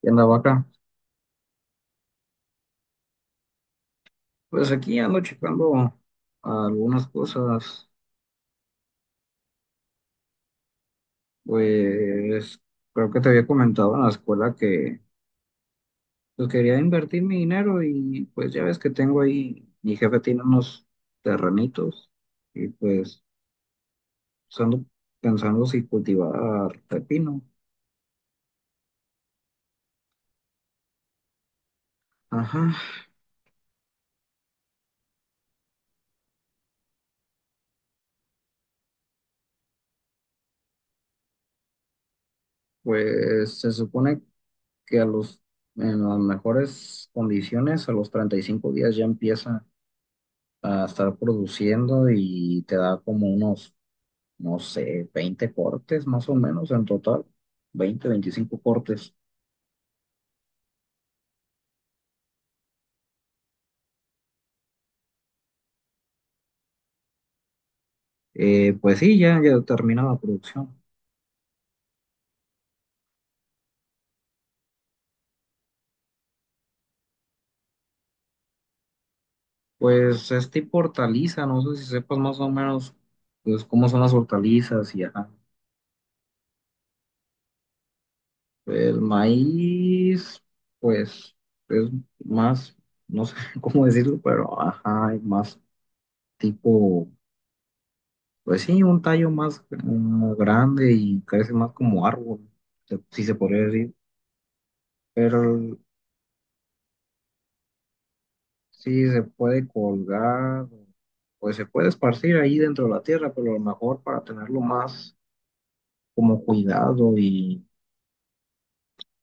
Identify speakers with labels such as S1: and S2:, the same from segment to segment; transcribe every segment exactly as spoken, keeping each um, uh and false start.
S1: ¿Qué andaba acá? Pues aquí ando checando algunas cosas. Pues creo que te había comentado en la escuela que pues, quería invertir mi dinero y pues ya ves que tengo ahí, mi jefe tiene unos terrenitos y pues pues, ando pensando si cultivar pepino. Ajá, pues se supone que a los, en las mejores condiciones, a los treinta y cinco días ya empieza a estar produciendo y te da como unos no sé, veinte cortes más o menos en total, veinte veinticinco cortes. Eh, pues sí, ya, ya termina la producción. Pues es tipo hortaliza, no sé si sepas más o menos pues, cómo son las hortalizas y ajá. El maíz, pues es más, no sé cómo decirlo, pero ajá, es más tipo, pues sí, un tallo más eh, grande y crece más como árbol, se- si se podría decir. Pero sí, se puede colgar, pues se puede esparcir ahí dentro de la tierra, pero a lo mejor para tenerlo más como cuidado y,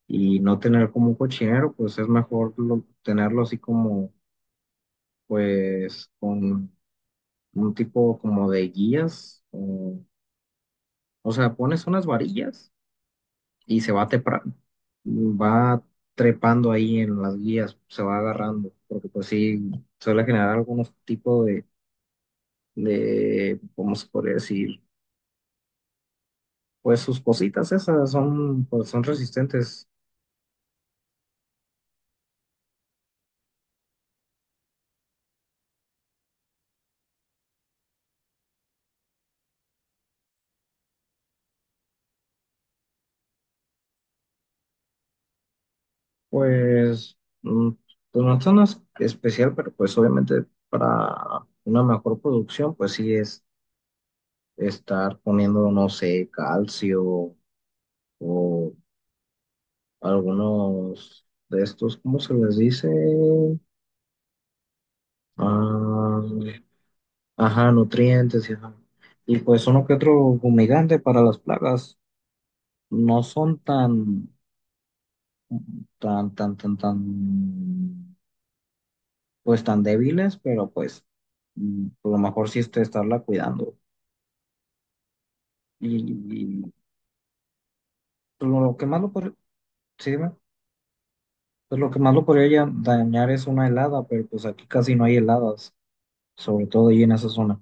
S1: y no tener como un cochinero, pues es mejor lo- tenerlo así como, pues, con un tipo como de guías. O, o sea, pones unas varillas y se va tepra- va trepando ahí en las guías, se va agarrando, porque pues sí, suele generar algún tipo de, de, ¿cómo se podría decir? Pues sus cositas esas son, pues son resistentes. Pues, mm, pues no son as- especial, pero pues obviamente para una mejor producción, pues sí es estar poniendo, no sé, calcio o algunos de estos, ¿cómo se les dice? Ah, ajá, nutrientes y ajá. Y pues uno que otro humigante para las plagas. No son tan, tan, tan, tan, tan pues tan débiles, pero pues mm, a lo mejor sí este estarla cuidando. Y, y, pues, lo que más lo podría. Sí, dime. Pues lo que más lo podría ya- dañar es una helada, pero pues aquí casi no hay heladas, sobre todo ahí en esa zona.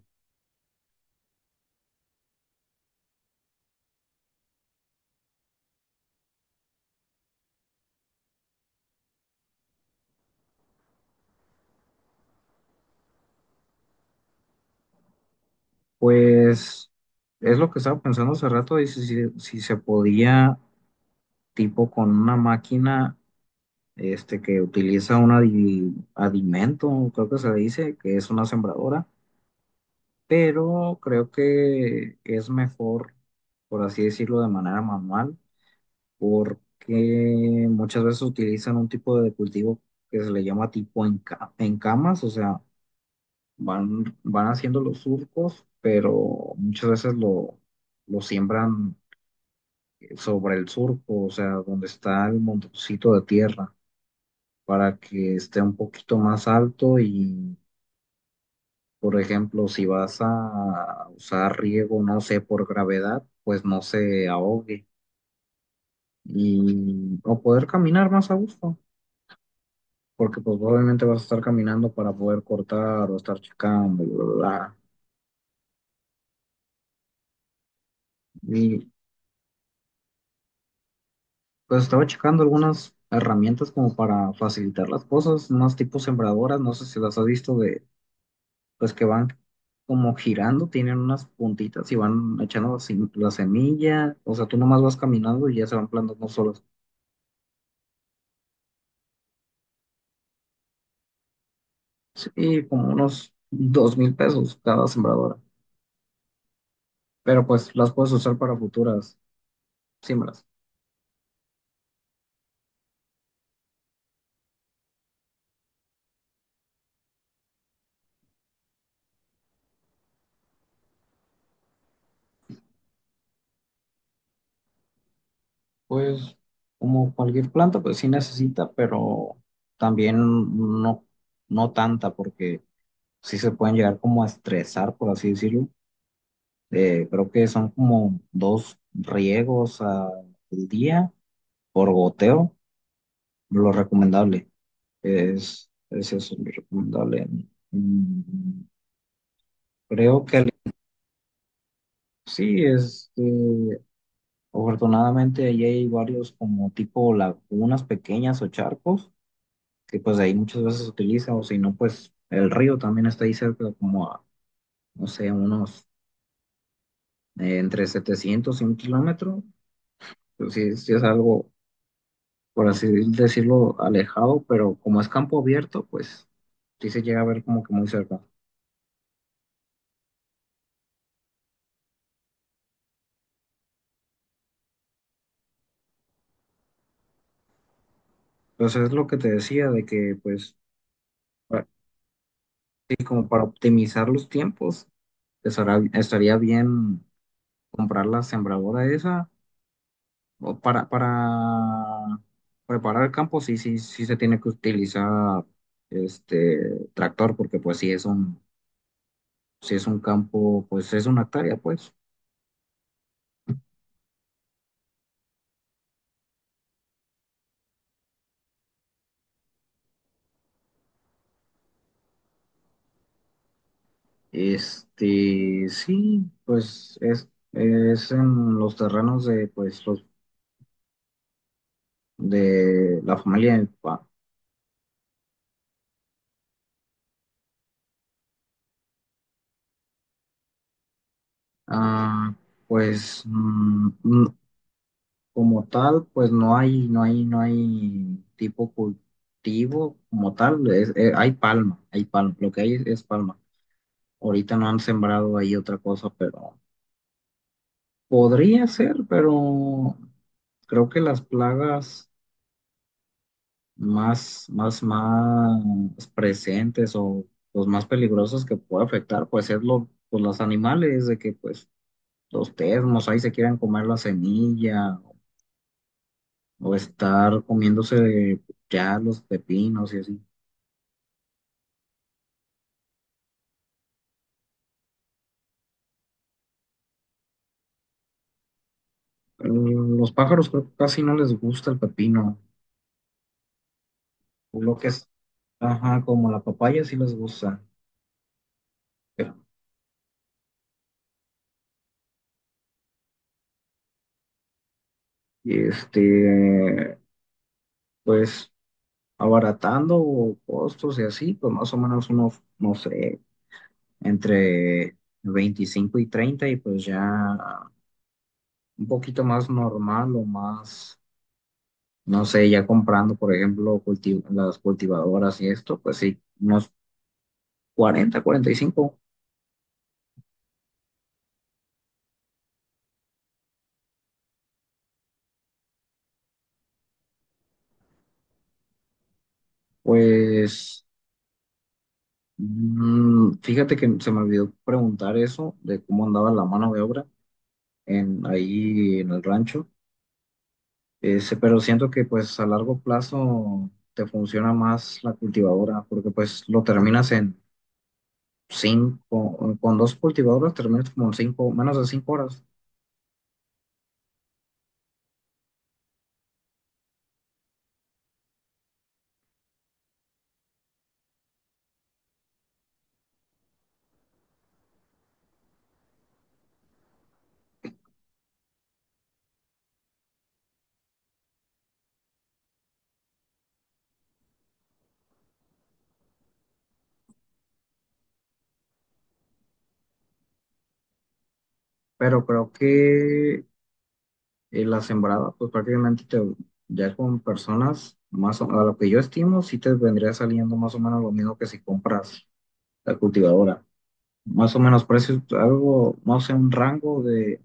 S1: Pues es lo que estaba pensando hace rato, y si, si, si se podía, tipo con una máquina, este, que utiliza un adi- adimento, creo que se le dice, que es una sembradora, pero creo que es mejor, por así decirlo, de manera manual, porque muchas veces utilizan un tipo de cultivo que se le llama tipo en, ca- en camas, o sea, van, van haciendo los surcos, pero muchas veces lo, lo siembran sobre el surco, o sea, donde está el montoncito de tierra, para que esté un poquito más alto. Por ejemplo, si vas a usar riego, no sé, por gravedad, pues no se ahogue y o poder caminar más a gusto, porque pues obviamente vas a estar caminando para poder cortar o estar checando, bla, bla, bla. Y pues estaba checando algunas herramientas como para facilitar las cosas, unas tipo sembradoras, no sé si las has visto de, pues que van como girando, tienen unas puntitas y van echando la sem- la semilla, o sea, tú nomás vas caminando y ya se van plantando solas. Sí, como unos dos mil pesos cada sembradora, pero pues las puedes usar para futuras siembras. Pues como cualquier planta, pues sí necesita, pero también no, no tanta, porque sí se pueden llegar como a estresar, por así decirlo. Eh, creo que son como dos riegos al día por goteo, lo recomendable. Es, es eso, lo recomendable. Mm, Creo que. el- Sí. este, Afortunadamente allí hay varios como tipo lagunas pequeñas o charcos que pues ahí muchas veces se utiliza, o si no pues el río también está ahí cerca, como a no sé unos eh, entre setecientos y un kilómetro. Pues sí, sí es algo por así decirlo alejado, pero como es campo abierto pues sí se llega a ver como que muy cerca. Entonces es lo que te decía de que pues pa- sí, como para optimizar los tiempos estará- estaría bien comprar la sembradora esa. O para, para preparar el campo, sí, sí, sí se tiene que utilizar este tractor, porque pues sí es un, sí es un campo, pues es una hectárea, pues. Este, sí, pues es, es en los terrenos de, pues, los, de la familia de mi papá. Ah, pues mm, mm, como tal, pues no hay, no hay, no hay tipo cultivo como tal, es- eh, hay palma, hay palma, lo que hay es es palma. Ahorita no han sembrado ahí otra cosa, pero podría ser, pero creo que las plagas más, más, más presentes o los más peligrosos que puede afectar, pues es lo, pues los animales, de que pues los termos ahí se quieran comer la semilla o estar comiéndose ya los pepinos y así. Mm, Los pájaros creo que casi no les gusta el pepino, lo que es, ajá, como la papaya sí les gusta. Y este, pues abaratando costos y así, pues más o menos unos, no sé, entre veinticinco y treinta, y pues ya un poquito más normal o más, no sé, ya comprando, por ejemplo, culti- las cultivadoras y esto, pues sí, unos cuarenta cuarenta y cinco. Pues mm, fíjate que se me olvidó preguntar eso de cómo andaba la mano de obra en, ahí en el rancho. Ese, pero siento que pues a largo plazo te funciona más la cultivadora, porque pues lo terminas en cinco, con dos cultivadoras terminas como en cinco, menos de cinco horas. Pero creo que eh, la sembrada, pues prácticamente te, ya con personas, más o- a lo que yo estimo, sí te vendría saliendo más o menos lo mismo que si compras la cultivadora. Más o menos precios, algo, no sé, un rango de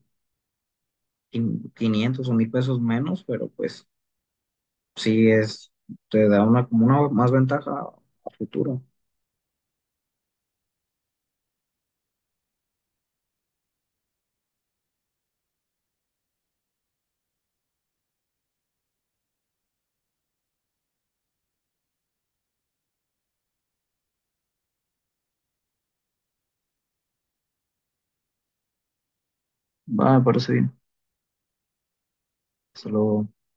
S1: quin- quinientos o mil pesos menos, pero pues sí es, te da una como una más ventaja a futuro. Va, me parece bien. Solo